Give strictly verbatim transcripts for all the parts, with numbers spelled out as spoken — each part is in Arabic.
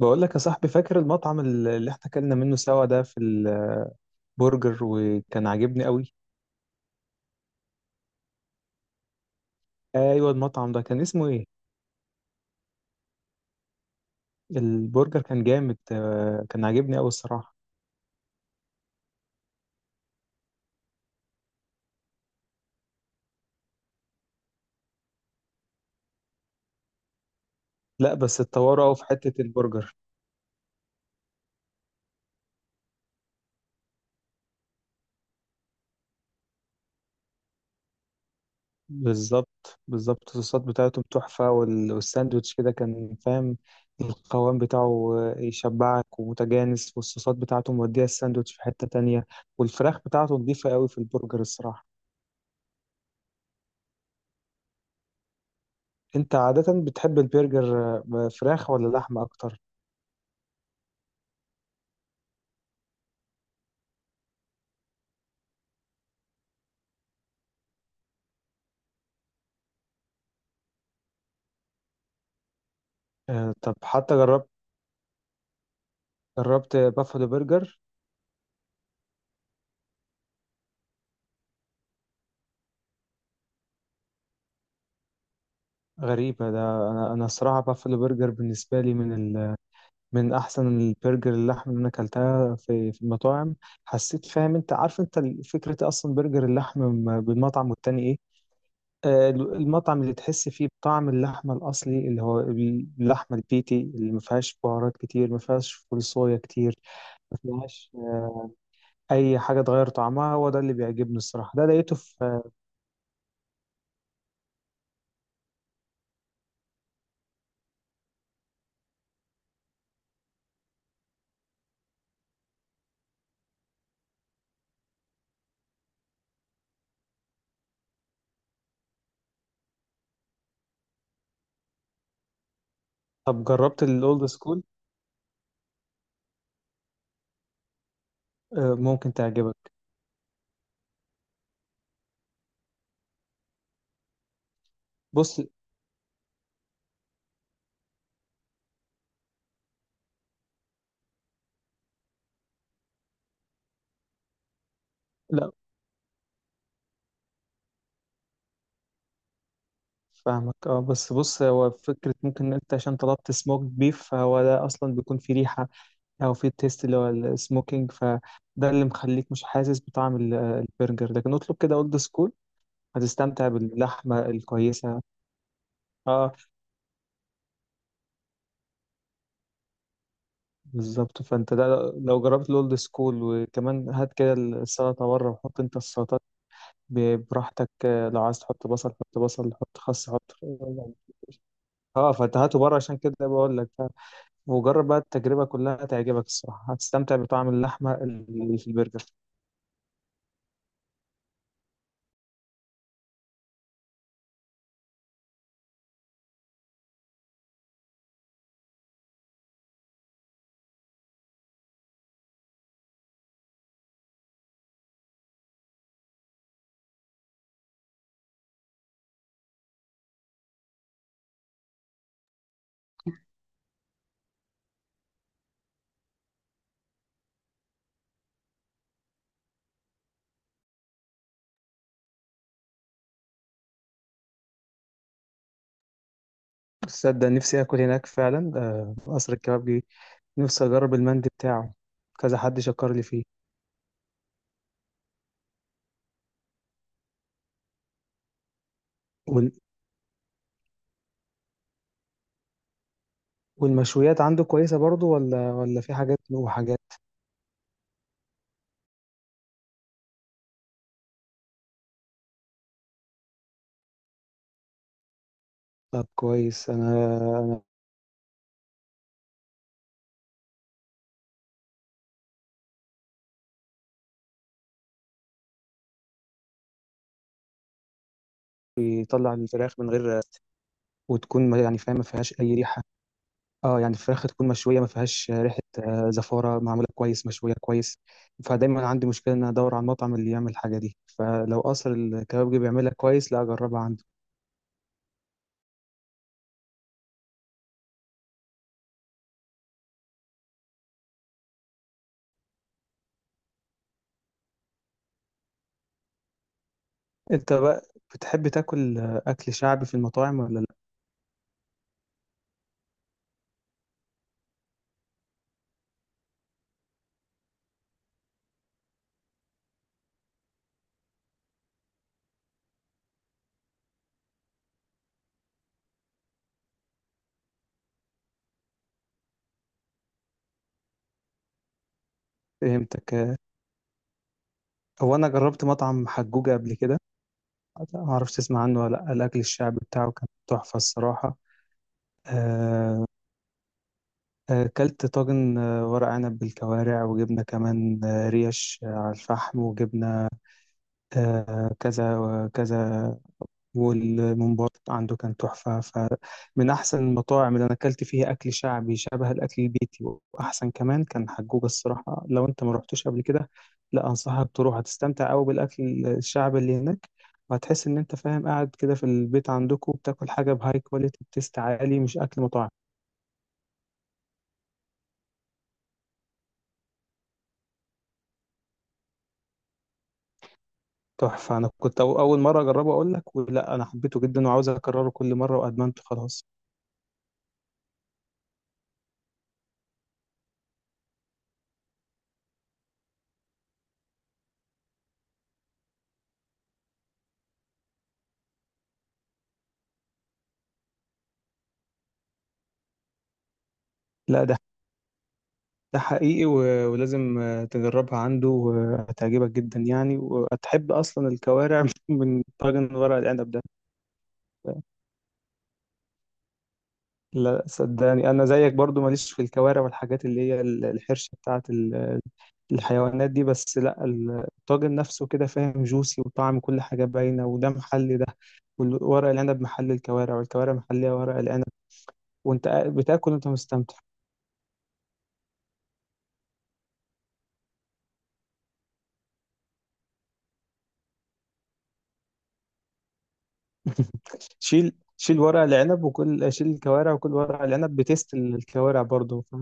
بقول لك يا صاحبي، فاكر المطعم ال- اللي احنا اكلنا منه سوا ده في البرجر؟ وكان عاجبني قوي. ايوه، المطعم ده كان اسمه ايه؟ البرجر كان جامد، آه، كان عاجبني قوي الصراحه. لا بس اتطوروا قوي في حته البرجر. بالظبط بالظبط، الصوصات بتاعتهم تحفه، وال- والساندوتش كده كان فاهم، القوام بتاعه آه، يشبعك ومتجانس، والصوصات بتاعته مودية الساندوتش في حته تانية. والفراخ بتاعته نضيفه قوي في البرجر الصراحه. انت عادة بتحب البرجر، آه، فراخ ولا لحمة اكتر؟ آه، طب حتى جربت جربت بافلو برجر؟ غريبة ده. انا انا الصراحة بافلو برجر بالنسبة لي من ال... من احسن البرجر اللحمة اللي انا اكلتها في في المطاعم. حسيت فاهم، انت عارف انت ال- فكرة اصلا برجر اللحمة م- بالمطعم، والتاني ايه؟ آه، ال- المطعم اللي تحس فيه بطعم اللحمة الأصلي، اللي هو اللحمة البيتي اللي ما فيهاش بهارات كتير، ما فيهاش فول صويا كتير، ما فيهاش اي حاجه تغير طعمها. هو ده اللي بيعجبني الصراحه، ده لقيته في. طب جربت الاولد سكول؟ آه، ممكن تعجبك. بص. لا، فاهمك، اه، بس بص، هو فكره، ممكن انت عشان طلبت سموك بيف فهو ده اصلا بيكون فيه ريحه، او فيه تيست، اللي هو السموكينج، فده اللي مخليك مش حاسس بطعم ال- البرجر، لكن اطلب كده اولد سكول، هتستمتع باللحمه الكويسه. اه بالظبط. فانت ده، لو جربت الاولد سكول، وكمان هات كده السلطه بره وحط انت السلطات ب- براحتك، آه، لو عايز تحط بصل حط بصل، حط خس، حط يعني. اه فتهاته بره، عشان كده بقول لك ف- وجرب بقى التجربة كلها تعجبك الصراحة، هتستمتع بطعم اللحمة اللي في البرجر. تصدق نفسي اكل هناك فعلا، آه، قصر الكبابجي، نفسي اجرب المندي بتاعه، كذا حد شكر لي فيه. وال... والمشويات عنده كويسة برضو، ولا ولا في حاجات وحاجات؟ طب كويس. انا انا بيطلع الفراخ من غير، وتكون ما- يعني فاهم ما فيهاش اي ريحة. اه يعني الفراخ تكون مشويه ما فيهاش ريحه، آه، زفاره، معموله كويس، مشويه كويس. فدايما عندي مشكله ان أنا ادور على المطعم اللي يعمل الحاجه دي، فلو قصر الكبابجي بيعملها كويس، لا اجربها عنده. انت بقى بتحب تاكل، آه، اكل شعبي في المطاعم ولا لا؟ فهمتك آه، هو انا جربت مطعم حجوجه قبل كده، ما اعرفش تسمع عنه ولا لا. الاكل الشعبي بتاعه كان تحفه الصراحه. آه، آه، اكلت طاجن، آه، ورق عنب بالكوارع، وجبنه كمان، آه، ريش آه، على الفحم، وجبنه، آه، كذا وكذا. والممبار عنده كان تحفة. فمن أحسن المطاعم اللي أنا أكلت فيها أكل شعبي شبه الأكل البيتي، وأحسن كمان كان حجوج الصراحة. لو أنت ما رحتوش قبل كده، لا أنصحك تروح، هتستمتع أوي بالأكل الشعبي اللي هناك، وهتحس إن أنت فاهم قاعد كده في البيت عندكم بتاكل حاجة بهاي كواليتي، بتست عالي، مش أكل مطاعم. تحفة. أنا كنت أول مرة أجربه أقول لك، ولا أنا حبيته جدا وعاوز أكرره كل مرة، وأدمنته خلاص. لا، ده ده حقيقي، و- ولازم آه، تجربها عنده، وهتعجبك جدا يعني، وهتحب أصلا الكوارع من طاجن ورق العنب ده. لا صدقني، أنا زيك برضو ماليش في الكوارع والحاجات اللي هي ال- الحرشة بتاعت ال- الحيوانات دي، بس لا ال- الطاجن نفسه كده فاهم جوسي، وطعم كل حاجة باينة، وده محلي ده، وورق العنب محل الكوارع، والكوارع محلية ورق العنب، وأنت قاعد بتاكل وأنت مستمتع. شيل شيل ورق العنب وكل، شيل الكوارع وكل ورق العنب، بتست الكوارع برضه ف...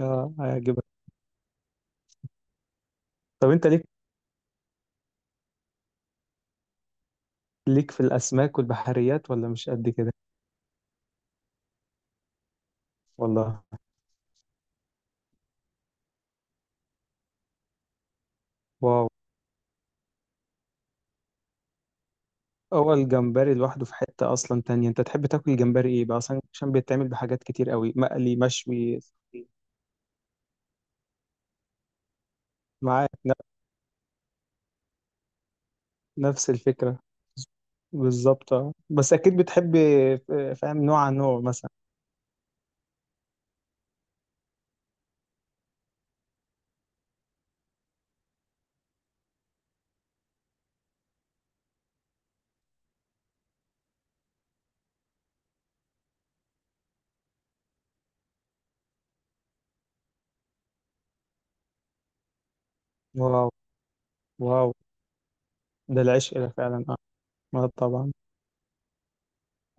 اه هيعجبك. طب انت ليك ليك في الاسماك والبحريات ولا مش قد كده؟ والله. واو، اول جمبري لوحده في حتة اصلا تانية. انت تحب تاكل الجمبري ايه بقى اصلا، عشان بيتعمل بحاجات كتير قوي، مقلي، مشوي؟ معاك، ن- نفس الفكرة بالظبط. اه، بس اكيد بتحب، آه، فاهم، نوع عن نوع مثلا. واو واو، ده العشق ده فعلا. اه. آه طبعا.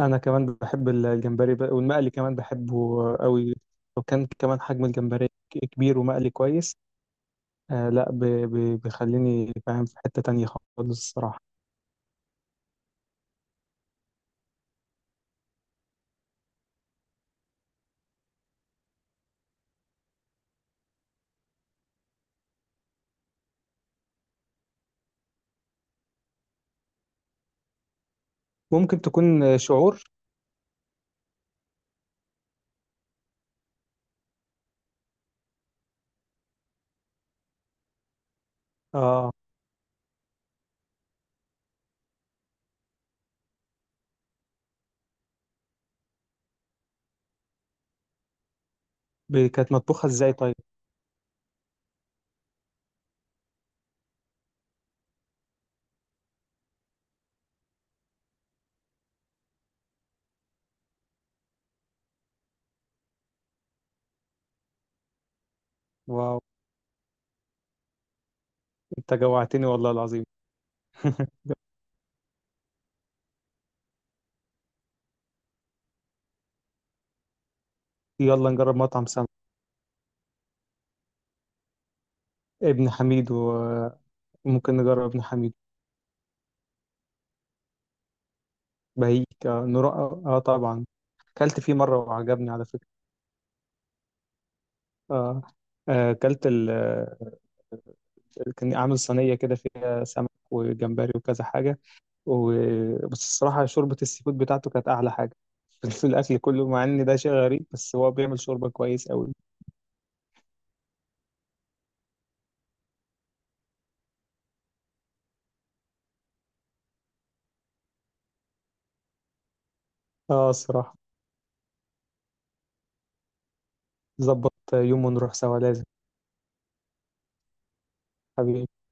انا كمان بحب الجمبري بقى، والمقلي كمان بحبه قوي، لو كان كمان حجم الجمبري كبير ومقلي كويس، آه، لا ب- ب- بيخليني فاهم في حتة تانية خالص الصراحة. ممكن تكون شعور. اه، ب- كانت مطبوخة ازاي طيب؟ واو، انت جوعتني والله العظيم. يلا نجرب مطعم سمك، ابن حميد، وممكن نجرب ابن حميد. بهيك، آه, نروح، اه طبعا. كلت فيه مرة وعجبني على فكرة. آه آه، كلت، كان عامل صينية كده فيها سمك وجمبري وكذا حاجة و... بس الصراحة شوربة السي فود بتاعته كانت أعلى حاجة في الأكل كله، مع إن ده شيء غريب، بس هو بيعمل شوربة كويس أوي. آه الصراحة، ظبط يوم ونروح سوا لازم. حبيبي.